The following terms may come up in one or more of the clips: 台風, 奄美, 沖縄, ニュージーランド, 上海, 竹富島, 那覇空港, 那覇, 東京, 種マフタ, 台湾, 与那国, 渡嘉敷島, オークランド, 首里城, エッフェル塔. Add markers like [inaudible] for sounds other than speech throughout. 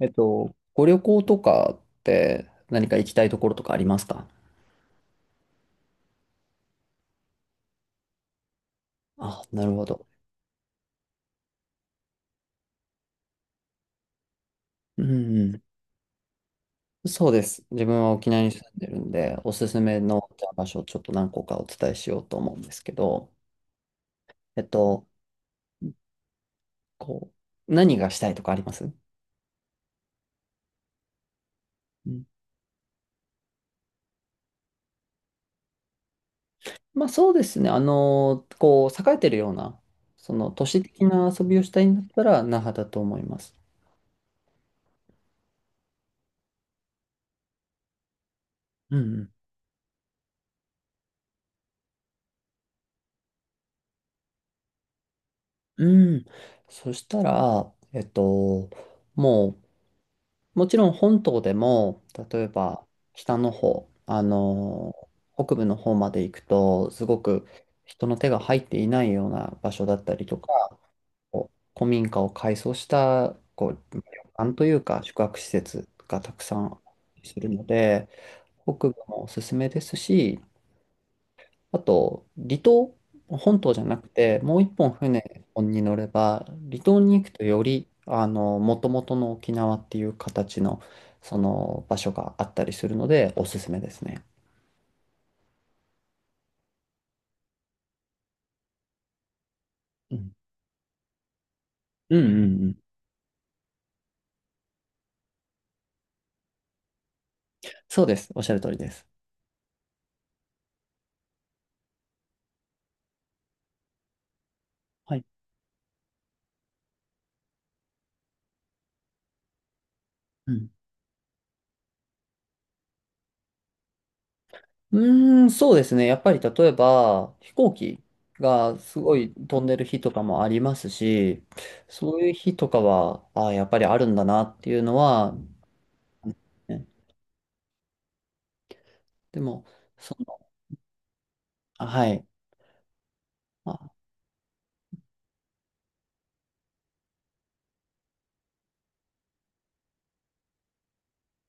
ご旅行とかって何か行きたいところとかありますか？あ、なるほど。うんうん。そうです。自分は沖縄に住んでるんで、おすすめのじゃあ場所をちょっと何個かお伝えしようと思うんですけど、えっと、こ何がしたいとかあります？うん。まあそうですね。あの、栄えてるような、その都市的な遊びをしたいんだったら、那覇だと思います。うんうん。うん。そしたら、もう、もちろん本島でも、例えば北の方、北部の方まで行くと、すごく人の手が入っていないような場所だったりとか、こう古民家を改装したこう旅館というか宿泊施設がたくさんするので、北部もおすすめですし、あと、離島、本島じゃなくて、もう一本船に乗れば、離島に行くとより、あの、もともとの沖縄っていう形の、その場所があったりするので、おすすめですね。うん。うんうんうん。そうです。おっしゃる通りです。はい。うん。うーん、そうですね。やっぱり例えば、飛行機がすごい飛んでる日とかもありますし、そういう日とかは、ああ、やっぱりあるんだなっていうのは、ね。でも、その、はい。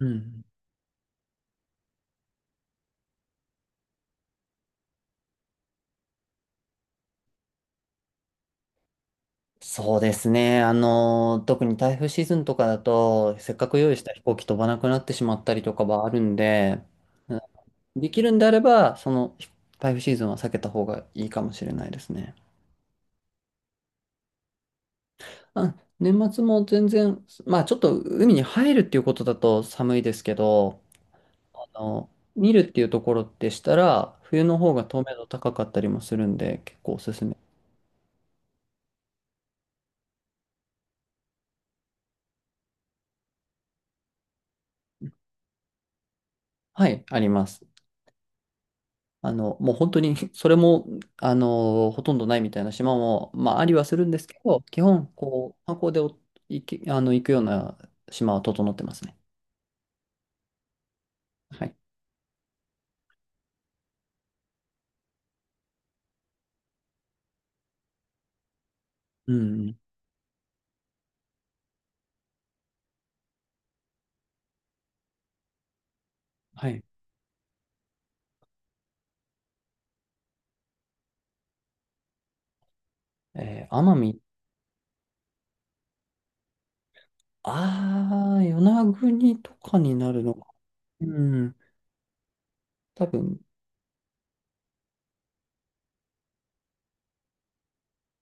うん。そうですね。あの、特に台風シーズンとかだと、せっかく用意した飛行機飛ばなくなってしまったりとかはあるんで、うん、できるんであれば、その台風シーズンは避けた方がいいかもしれないですね。あ、年末も全然、まあちょっと海に入るっていうことだと寒いですけど、あの、見るっていうところでしたら、冬の方が透明度高かったりもするんで、結構おすすめ。はい、あります。あの、もう本当に [laughs] それも、あの、ほとんどないみたいな島も、まあ、ありはするんですけど、基本、こう、観光でお行き、あの、行くような島は整ってますね。はい。うんうん。はい。えー奄美、ああ、与那国とかになるのか。うん。多分、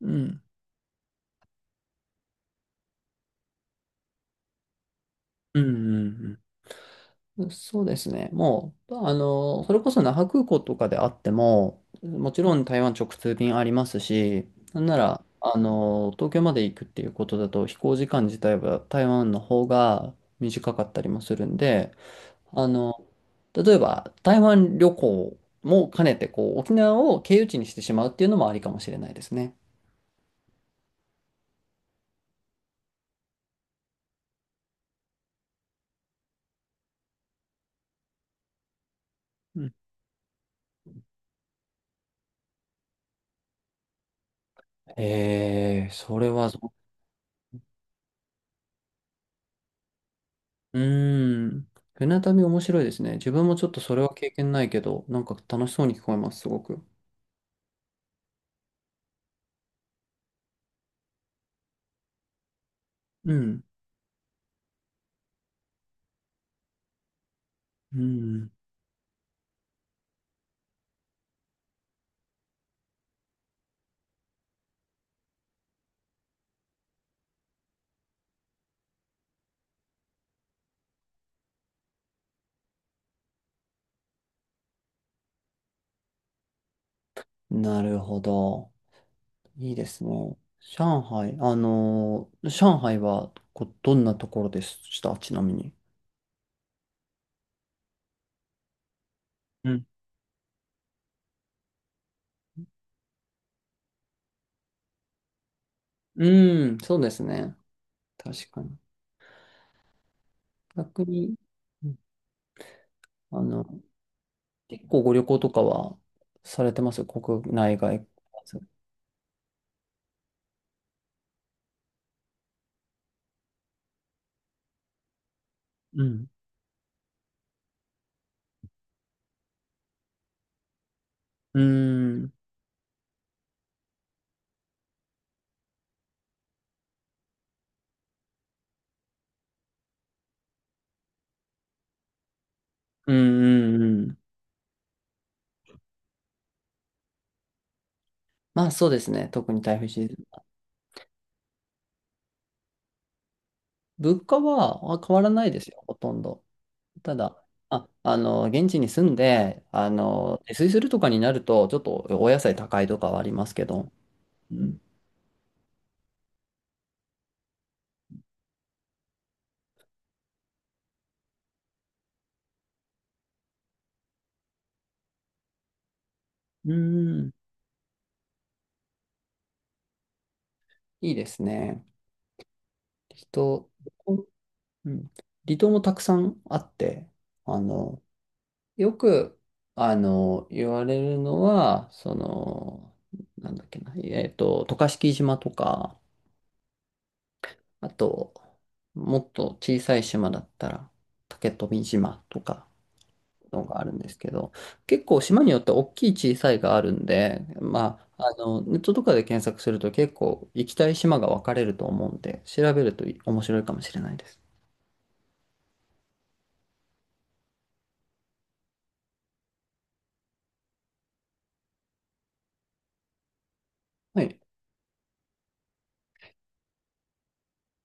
うん。うんうんうん。そうですね。もう、まあの、それこそ那覇空港とかであっても、もちろん台湾直通便ありますし、なんなら、あの、東京まで行くっていうことだと、飛行時間自体は台湾の方が短かったりもするんで、あの、例えば台湾旅行も兼ねて、こう、沖縄を経由地にしてしまうっていうのもありかもしれないですね。うん。えー、それは、うーん。船旅面白いですね。自分もちょっとそれは経験ないけど、なんか楽しそうに聞こえます、すごく。うん。うん。なるほど。いいですね。上海、あのー上海はどんなところでしたちなみに？うん。うん、そうですね。確かに。逆に、うん、あの、結構ご旅行とかはされてます国内外問わず？うん。うん。うん、うん、うん。まあそうですね。特に台風シーズン。物価は変わらないですよ、ほとんど。ただ、あの、現地に住んで、あの、自炊するとかになると、ちょっとお野菜高いとかはありますけど、うん、うん、いいですね。離島、うん、離島もたくさんあって、あの、よく、あの、言われるのは、その、なんだっけな、渡嘉敷島とか、あと、もっと小さい島だったら、竹富島とか、のがあるんですけど、結構島によって大きい小さいがあるんで、まあ、あの、ネットとかで検索すると結構行きたい島が分かれると思うんで、調べると面白いかもしれないです。はい。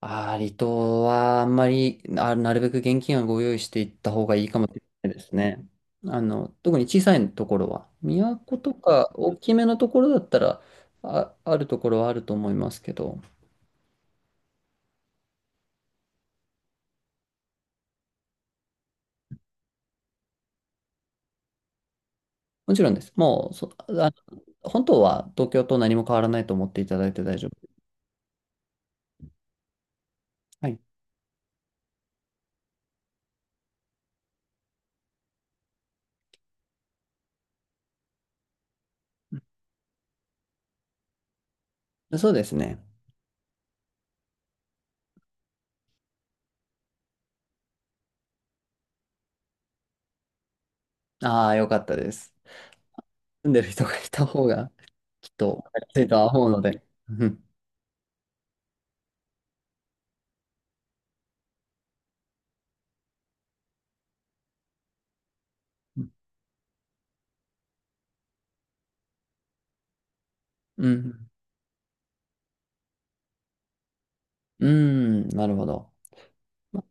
ああ、離島はあんまり、なるべく現金はご用意していった方がいいかもしれないですね。あの、特に小さいところは、都とか大きめのところだったら、あるところはあると思いますけど、もちろんです。もう、そ、あ、本当は東京と何も変わらないと思っていただいて大丈夫。はい。[laughs] そうですね。ああ、よかったです。住んでる人がいた方が、きっと、分りやすいとは思うので。うん。うん。うん、なるほど。ま、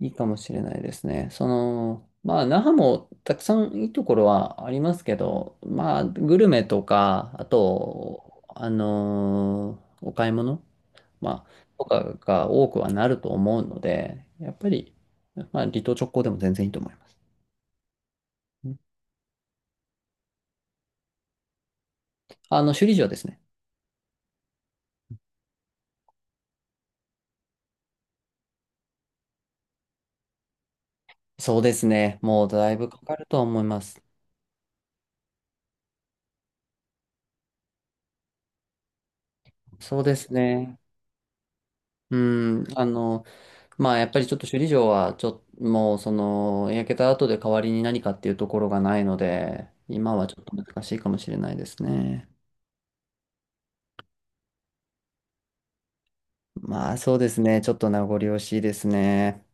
いいかもしれないですね。その、まあ、那覇もたくさんいいところはありますけど、まあ、グルメとか、あと、お買い物、まあ、とかが多くはなると思うので、やっぱり、まあ、離島直行でも全然いいと思います。あの、首里城ですね。そうですね。もうだいぶかかるとは思います。そうですね。うん。あの、まあ、やっぱりちょっと首里城は、ちょっと、もう、その、焼けた後で代わりに何かっていうところがないので、今はちょっと難しいかもしれないですね。まあ、そうですね。ちょっと名残惜しいですね。